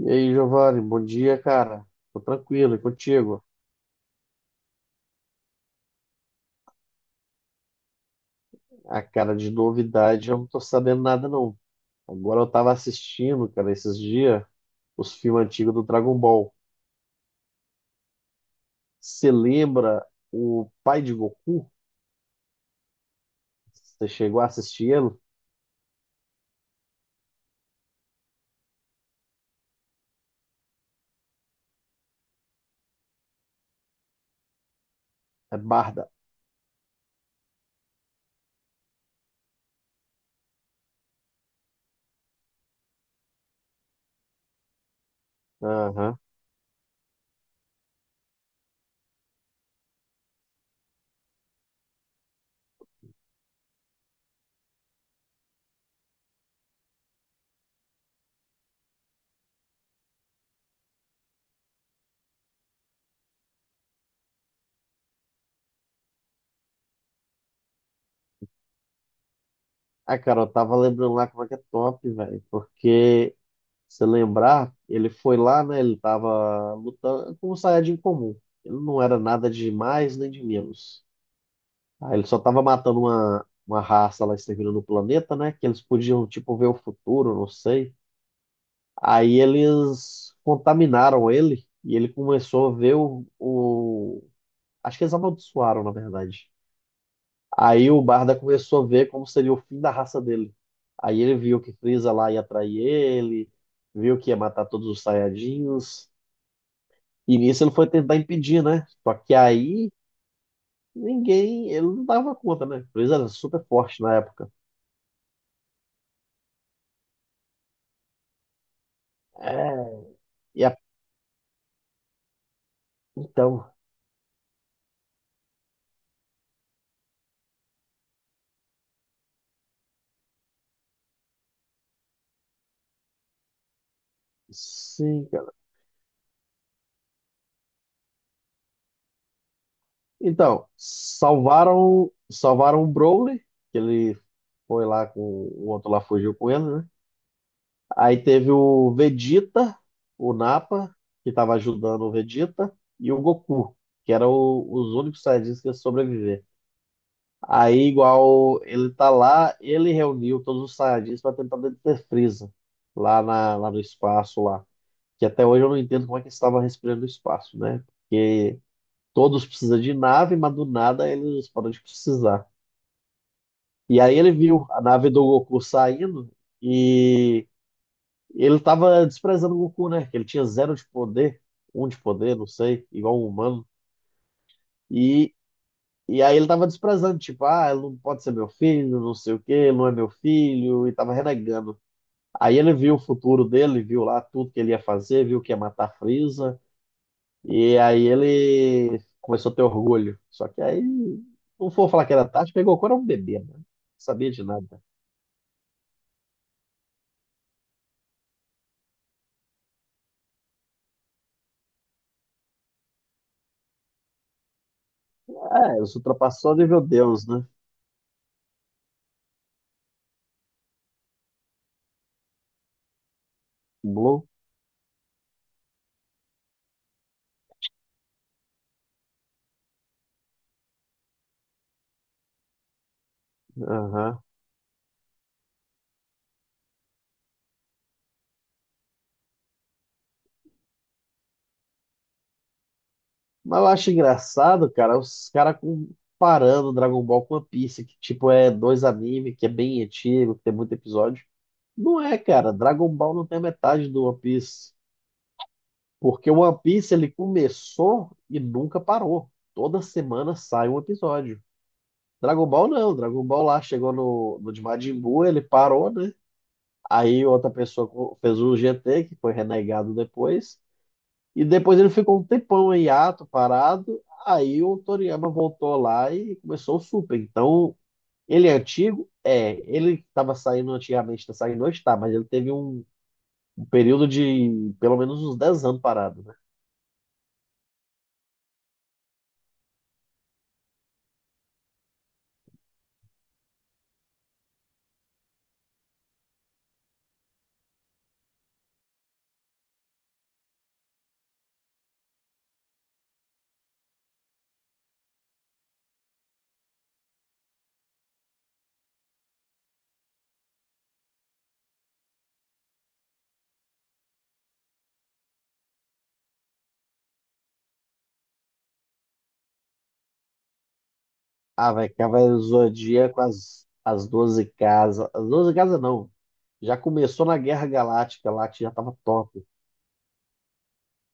E aí, Giovanni, bom dia, cara. Tô tranquilo, e contigo? A cara de novidade, eu não tô sabendo nada, não. Agora eu tava assistindo, cara, esses dias, os filmes antigos do Dragon Ball. Você lembra o pai de Goku? Você chegou a assistir ele? É Barda. Aham. Ah, cara, eu tava lembrando lá como é que é top, velho. Porque, se lembrar, ele foi lá, né? Ele tava lutando com um Saiyajin comum. Ele não era nada de mais nem de menos. Ah, ele só tava matando uma raça lá exterminando no planeta, né? Que eles podiam, tipo, ver o futuro, não sei. Aí eles contaminaram ele e ele começou a ver o... Acho que eles amaldiçoaram, na verdade. Aí o Barda começou a ver como seria o fim da raça dele. Aí ele viu que Frieza lá ia trair ele, viu que ia matar todos os Saiyajins. E nisso ele foi tentar impedir, né? Só que aí ninguém, ele não dava conta, né? Frieza era super forte na época. É. e a Então, sim, cara. Então, salvaram o Broly, que ele foi lá com o outro lá fugiu com ele, né? Aí teve o Vegeta, o Nappa, que estava ajudando o Vegeta, e o Goku, que eram os únicos Saiyajins que iam sobreviver. Aí, igual ele tá lá, ele reuniu todos os Saiyajins para tentar deter Freeza lá, lá no espaço lá. Que até hoje eu não entendo como é que ele estava respirando no espaço, né? Todos precisam de nave, mas do nada eles param de precisar. E aí ele viu a nave do Goku saindo e ele tava desprezando o Goku, né? Que ele tinha zero de poder, um de poder, não sei, igual um humano. E, e aí ele tava desprezando, tipo, ah, ele não pode ser meu filho, não sei o quê, ele não é meu filho, e tava renegando. Aí ele viu o futuro dele, viu lá tudo que ele ia fazer, viu que ia matar a Frieza. E aí ele começou a ter orgulho. Só que aí, não for falar que era tarde, pegou quando era um bebê, né? Não sabia de nada. É, os ultrapassou o nível Deus, né? Blue. Aham. Mas eu acho engraçado, cara, os caras comparando Dragon Ball com One Piece, que tipo é dois anime, que é bem antigo, que tem muito episódio. Não é, cara. Dragon Ball não tem a metade do One Piece. Porque o One Piece ele começou e nunca parou. Toda semana sai um episódio. Dragon Ball não, Dragon Ball lá chegou no de Majin Buu, ele parou, né? Aí outra pessoa fez o GT, que foi renegado depois. E depois ele ficou um tempão em hiato, parado. Aí o Toriyama voltou lá e começou o Super. Então, ele é antigo? É. Ele estava saindo antigamente, tá saindo hoje, tá. Mas ele teve um, período de pelo menos uns 10 anos parado, né? Ah, velho, Cavaleiro do Zodíaco, as 12 casas. As 12 casas não, já começou na Guerra Galáctica lá, que já tava top.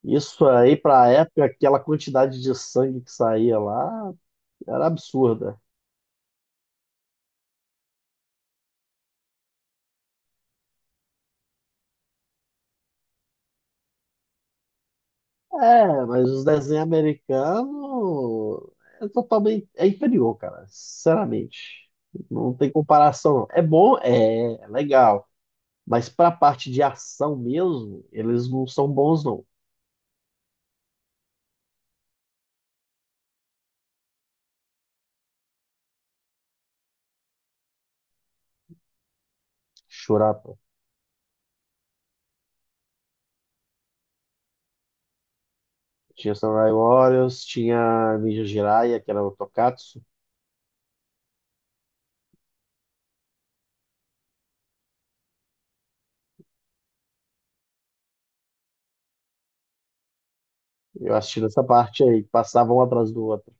Isso aí, pra época, aquela quantidade de sangue que saía lá era absurda. É, mas os desenhos americanos é totalmente é inferior, cara. Sinceramente, não tem comparação, não. É bom, é legal, mas pra parte de ação mesmo, eles não são bons, não. Shurata. Tinha Samurai Warriors, tinha Ninja Jiraiya, que era o Tokatsu. Eu assisti nessa parte aí, que passava um atrás do outro.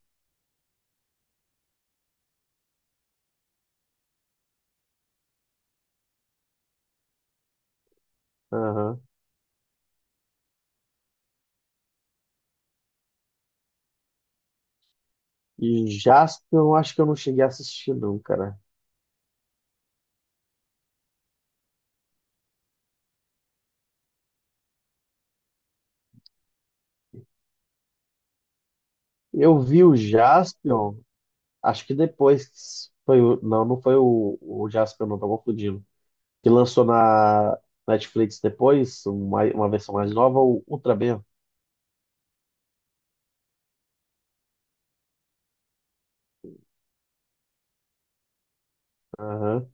Aham. E Jaspion, acho que eu não cheguei a assistir, não, cara. Eu vi o Jaspion, acho que depois foi o. Não, não foi o Jaspion, não, tô confundindo. Que lançou na Netflix depois, uma versão mais nova, o Ultraman. Aham,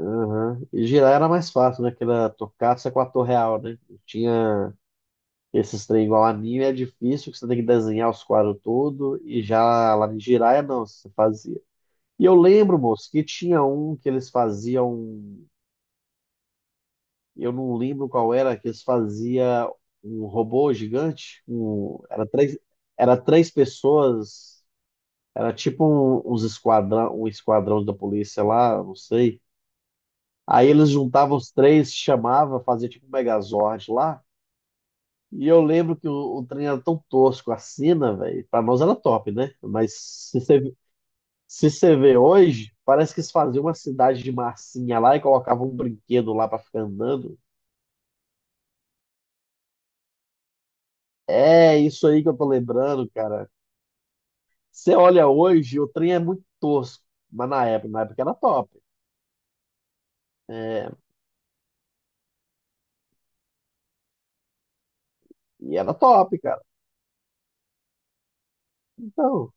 aham. E girar era mais fácil, né? Que era Tokusatsu é com a ator real, né? Tinha esses trem igual anime, é difícil, que você tem que desenhar os quadros tudo, e já lá em Jiraiya, não, você faz. E eu lembro, moço, que tinha um que eles faziam. Eu não lembro qual era, que eles faziam um robô gigante. Era três pessoas. Era tipo um esquadrão da polícia lá, não sei. Aí eles juntavam os três, chamava, fazia tipo um Megazord lá. E eu lembro que o trem era tão tosco, a cena, velho. Pra nós era top, né? Mas se você Se você vê hoje, parece que eles faziam uma cidade de massinha lá e colocavam um brinquedo lá pra ficar andando. É isso aí que eu tô lembrando, cara. Você olha hoje, o trem é muito tosco, mas na época era top. É, e era top, cara. Então,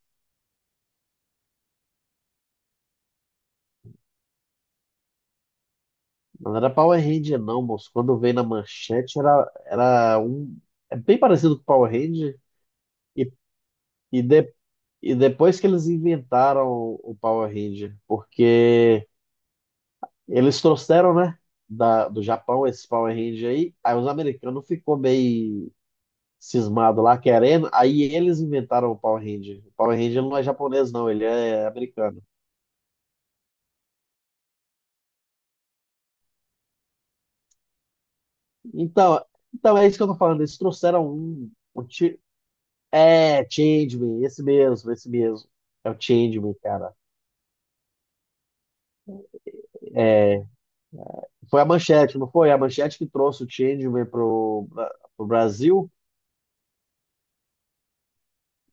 não era Power Ranger não, moço. Quando veio na manchete era um... É bem parecido com o Power Ranger e, e, de- e depois que eles inventaram o Power Ranger, porque... Eles trouxeram, né, do Japão esse Power Ranger aí, aí os americanos ficou meio cismado lá querendo, aí eles inventaram o Power Ranger. O Power Ranger não é japonês não, ele é americano. Então, então, é isso que eu tô falando, eles trouxeram é, Changeman, esse mesmo, esse mesmo. É o Changeman, cara. É, foi a Manchete, não foi? A Manchete que trouxe o Changeman pro Brasil.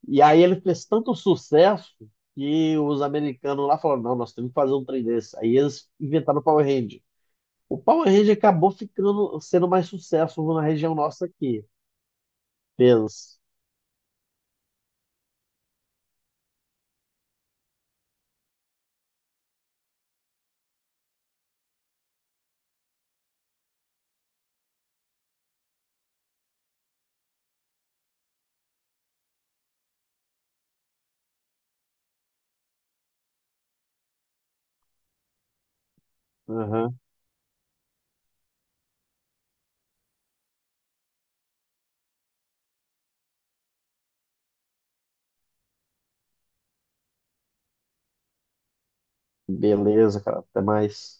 E aí ele fez tanto sucesso que os americanos lá falaram, não, nós temos que fazer um trem desse. Aí eles inventaram o Power Ranger. O Power Ranger acabou ficando, sendo mais sucesso na região nossa aqui. Beleza. Aham. Beleza, cara. Até mais.